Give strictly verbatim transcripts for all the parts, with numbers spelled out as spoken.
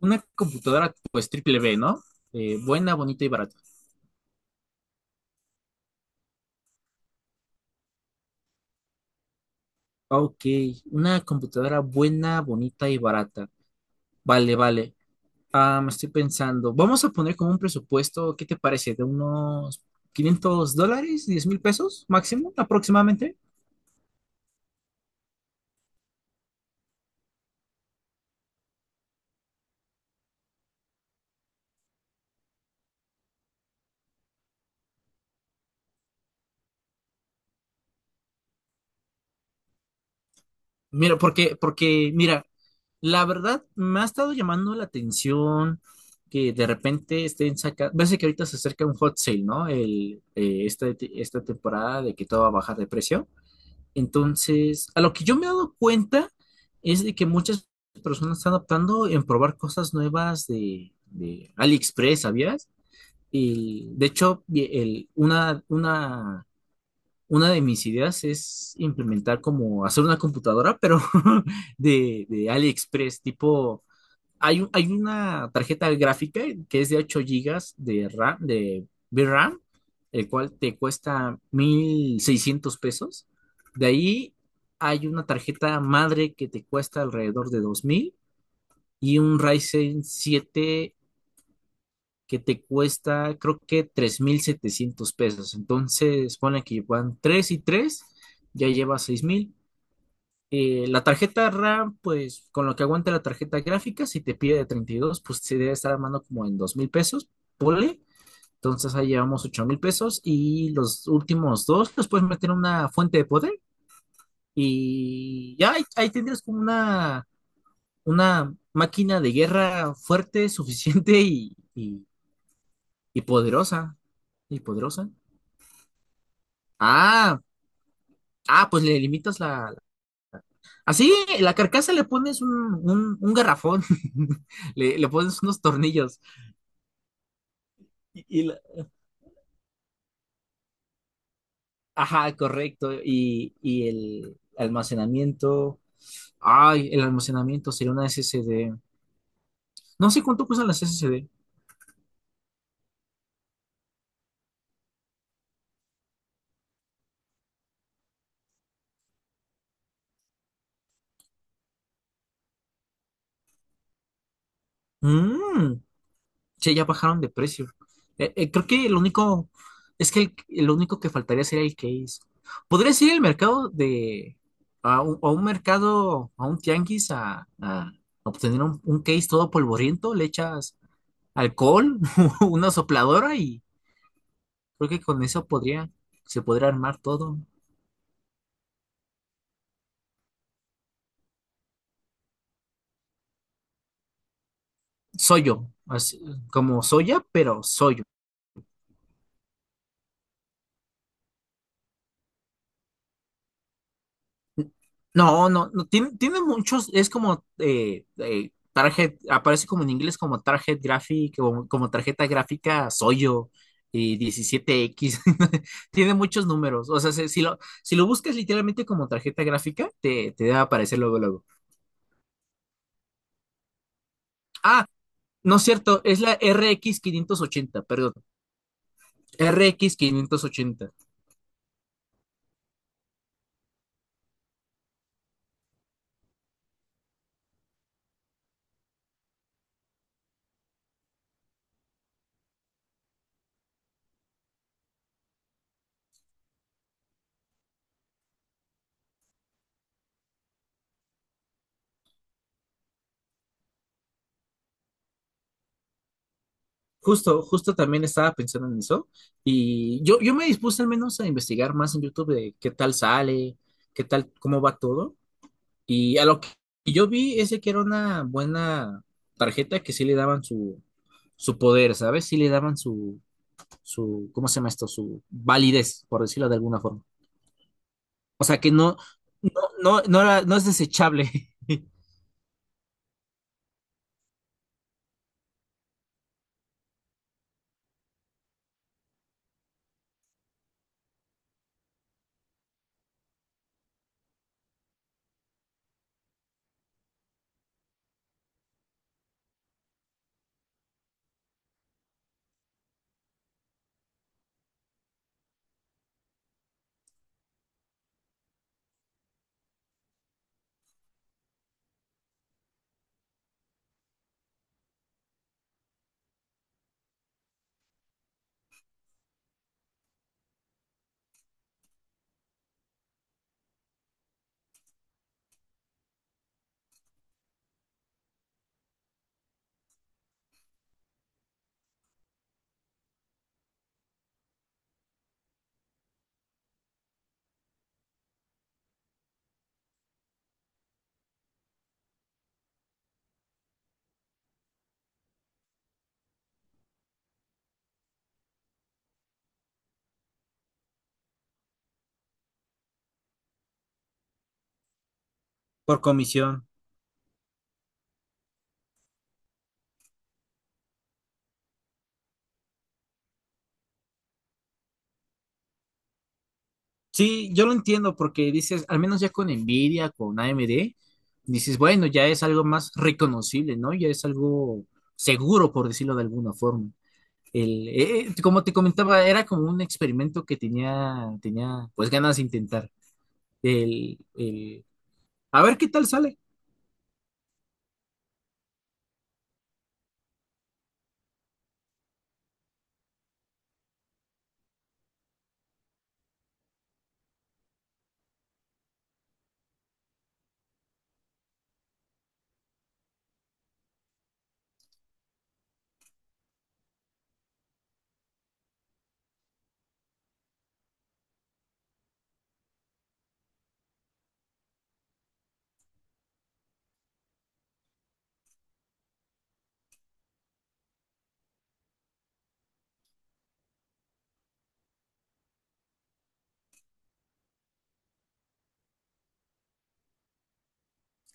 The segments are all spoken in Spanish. Una computadora pues triple B, ¿no? Eh, buena, bonita y barata. Ah, Ok, una computadora buena, bonita y barata. Vale, vale. Ah, me estoy pensando, vamos a poner como un presupuesto, ¿qué te parece? ¿De unos quinientos dólares, diez mil pesos máximo aproximadamente? Mira, porque, porque, mira, la verdad me ha estado llamando la atención que de repente estén sacando, ves que ahorita se acerca un hot sale, ¿no? El, eh, esta, esta temporada de que todo va a bajar de precio. Entonces, a lo que yo me he dado cuenta es de que muchas personas están optando en probar cosas nuevas de, de AliExpress, ¿sabías? Y de hecho, y el- una, una, una de mis ideas es implementar como hacer una computadora, pero de, de AliExpress, tipo hay, un- hay una tarjeta gráfica que es de ocho gigas de RAM, de V R A M, el cual te cuesta mil seiscientos pesos. De ahí hay una tarjeta madre que te cuesta alrededor de dos mil y un Ryzen siete que te cuesta creo que tres mil setecientos pesos. Entonces, ponle que van tres y tres, ya lleva seis mil. Eh, la tarjeta RAM, pues con lo que aguante la tarjeta gráfica, si te pide de treinta y dos, pues se debe estar armando como en dos mil pesos, ponle. Entonces ahí llevamos ocho mil pesos y los últimos dos los puedes meter en una fuente de poder y ya ahí, ahí tendrías como una, una máquina de guerra fuerte, suficiente y, y- y poderosa. Y poderosa. Ah, ah, pues le limitas la. Así, la carcasa le pones un, un, un garrafón, le, le pones unos tornillos. Y, y la- ajá, correcto. Y, y el almacenamiento. Ay, el almacenamiento sería una S S D. No sé cuánto cuestan las S S D. Mm, sí, ya bajaron de precio. Eh, eh, creo que el único, es que el, el único que faltaría sería el case. Podría ir al mercado de, a un, a un mercado, a un tianguis, a, a obtener un, un case todo polvoriento, le echas alcohol, una sopladora y creo que con eso podría, se podría armar todo. Soyo, así, como soya, pero soyo. No, no, no, tiene, tiene muchos, es como eh, eh, target, aparece como en inglés como target graphic, como, como, tarjeta gráfica Soyo y diecisiete equis tiene muchos números, o sea, si, si lo, si lo buscas literalmente como tarjeta gráfica, te, te va aparecer luego, luego. Ah, no es cierto, es la R X ochenta. Perdón, R X ochenta. Justo, justo, también estaba pensando en eso y yo, yo me dispuse al menos a investigar más en YouTube de qué tal sale, qué tal, cómo va todo, y a lo que yo vi, ese que era una buena tarjeta que sí le daban su, su, poder, ¿sabes? Sí le daban su, su, ¿cómo se llama esto? Su validez, por decirlo de alguna forma. O sea que no, no, no, no, era- no es desechable. Por comisión. Sí, yo lo entiendo porque dices, al menos ya con Nvidia, con A M D, dices, bueno, ya es algo más reconocible, ¿no? Ya es algo seguro, por decirlo de alguna forma. El, eh, eh, como te comentaba, era como un experimento que tenía, tenía pues ganas de intentar. El, el, a ver qué tal sale.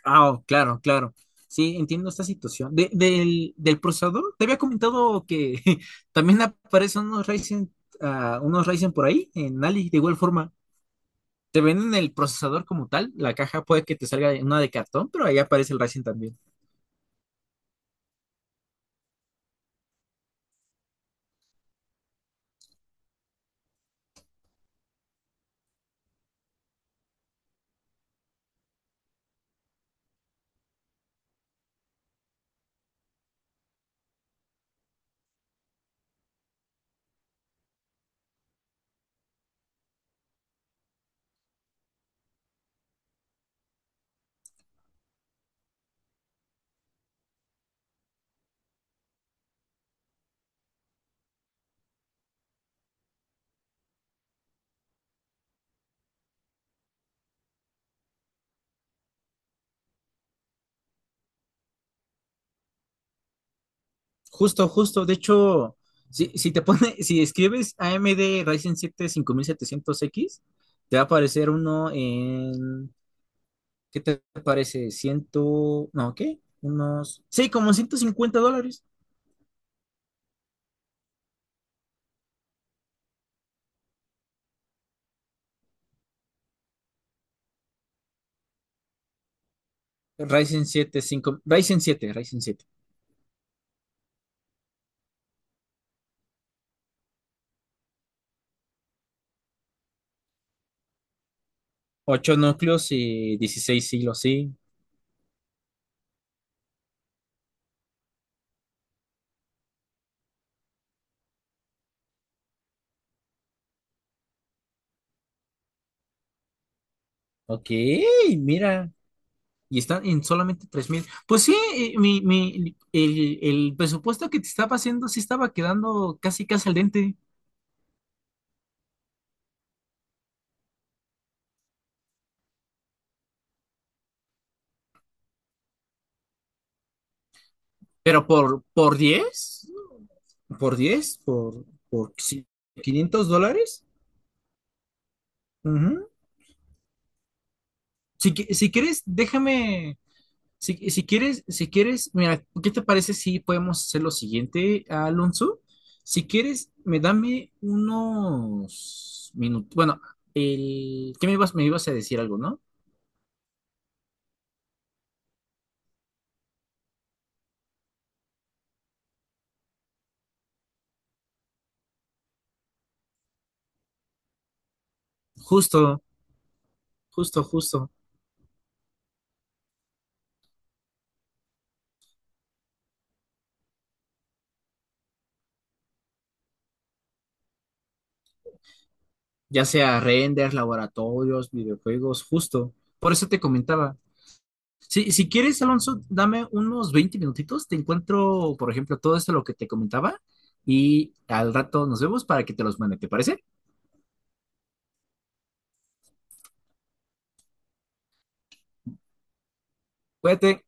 Ah, oh, claro, claro. Sí, entiendo esta situación. De- del, del procesador, te había comentado que también aparecen unos Ryzen, ah, unos Ryzen por ahí, en Ali, de igual forma. Te venden el procesador como tal, la caja puede que te salga una de cartón, pero ahí aparece el Ryzen también. Justo, justo, de hecho, si, si te pone, si escribes A M D Ryzen siete cinco mil setecientos X, te va a aparecer uno en, ¿qué te parece? Ciento, no, ¿qué? Unos, sí, como ciento cincuenta dólares. Ryzen siete, cinco, Ryzen siete, Ryzen siete. Ocho núcleos y dieciséis hilos, sí. Ok, mira, y están en solamente tres mil. Pues sí, eh, mi, mi- el, el presupuesto que te estaba haciendo sí estaba quedando casi casi al dente. Pero por, por diez por diez por, por si- quinientos dólares. Ujú. Si, qui- si quieres, déjame. Si, si quieres, si quieres, mira, ¿qué te parece si podemos hacer lo siguiente, Alonso? Si quieres, me dame unos minutos. Bueno, el, ¿qué me ibas, me ibas a decir algo, no? Justo. Justo, justo. Ya sea renders, laboratorios, videojuegos, justo. Por eso te comentaba. Si, si quieres, Alonso, dame unos veinte minutitos. Te encuentro, por ejemplo, todo esto lo que te comentaba y al rato nos vemos para que te los mande. ¿Te parece? Cuídate.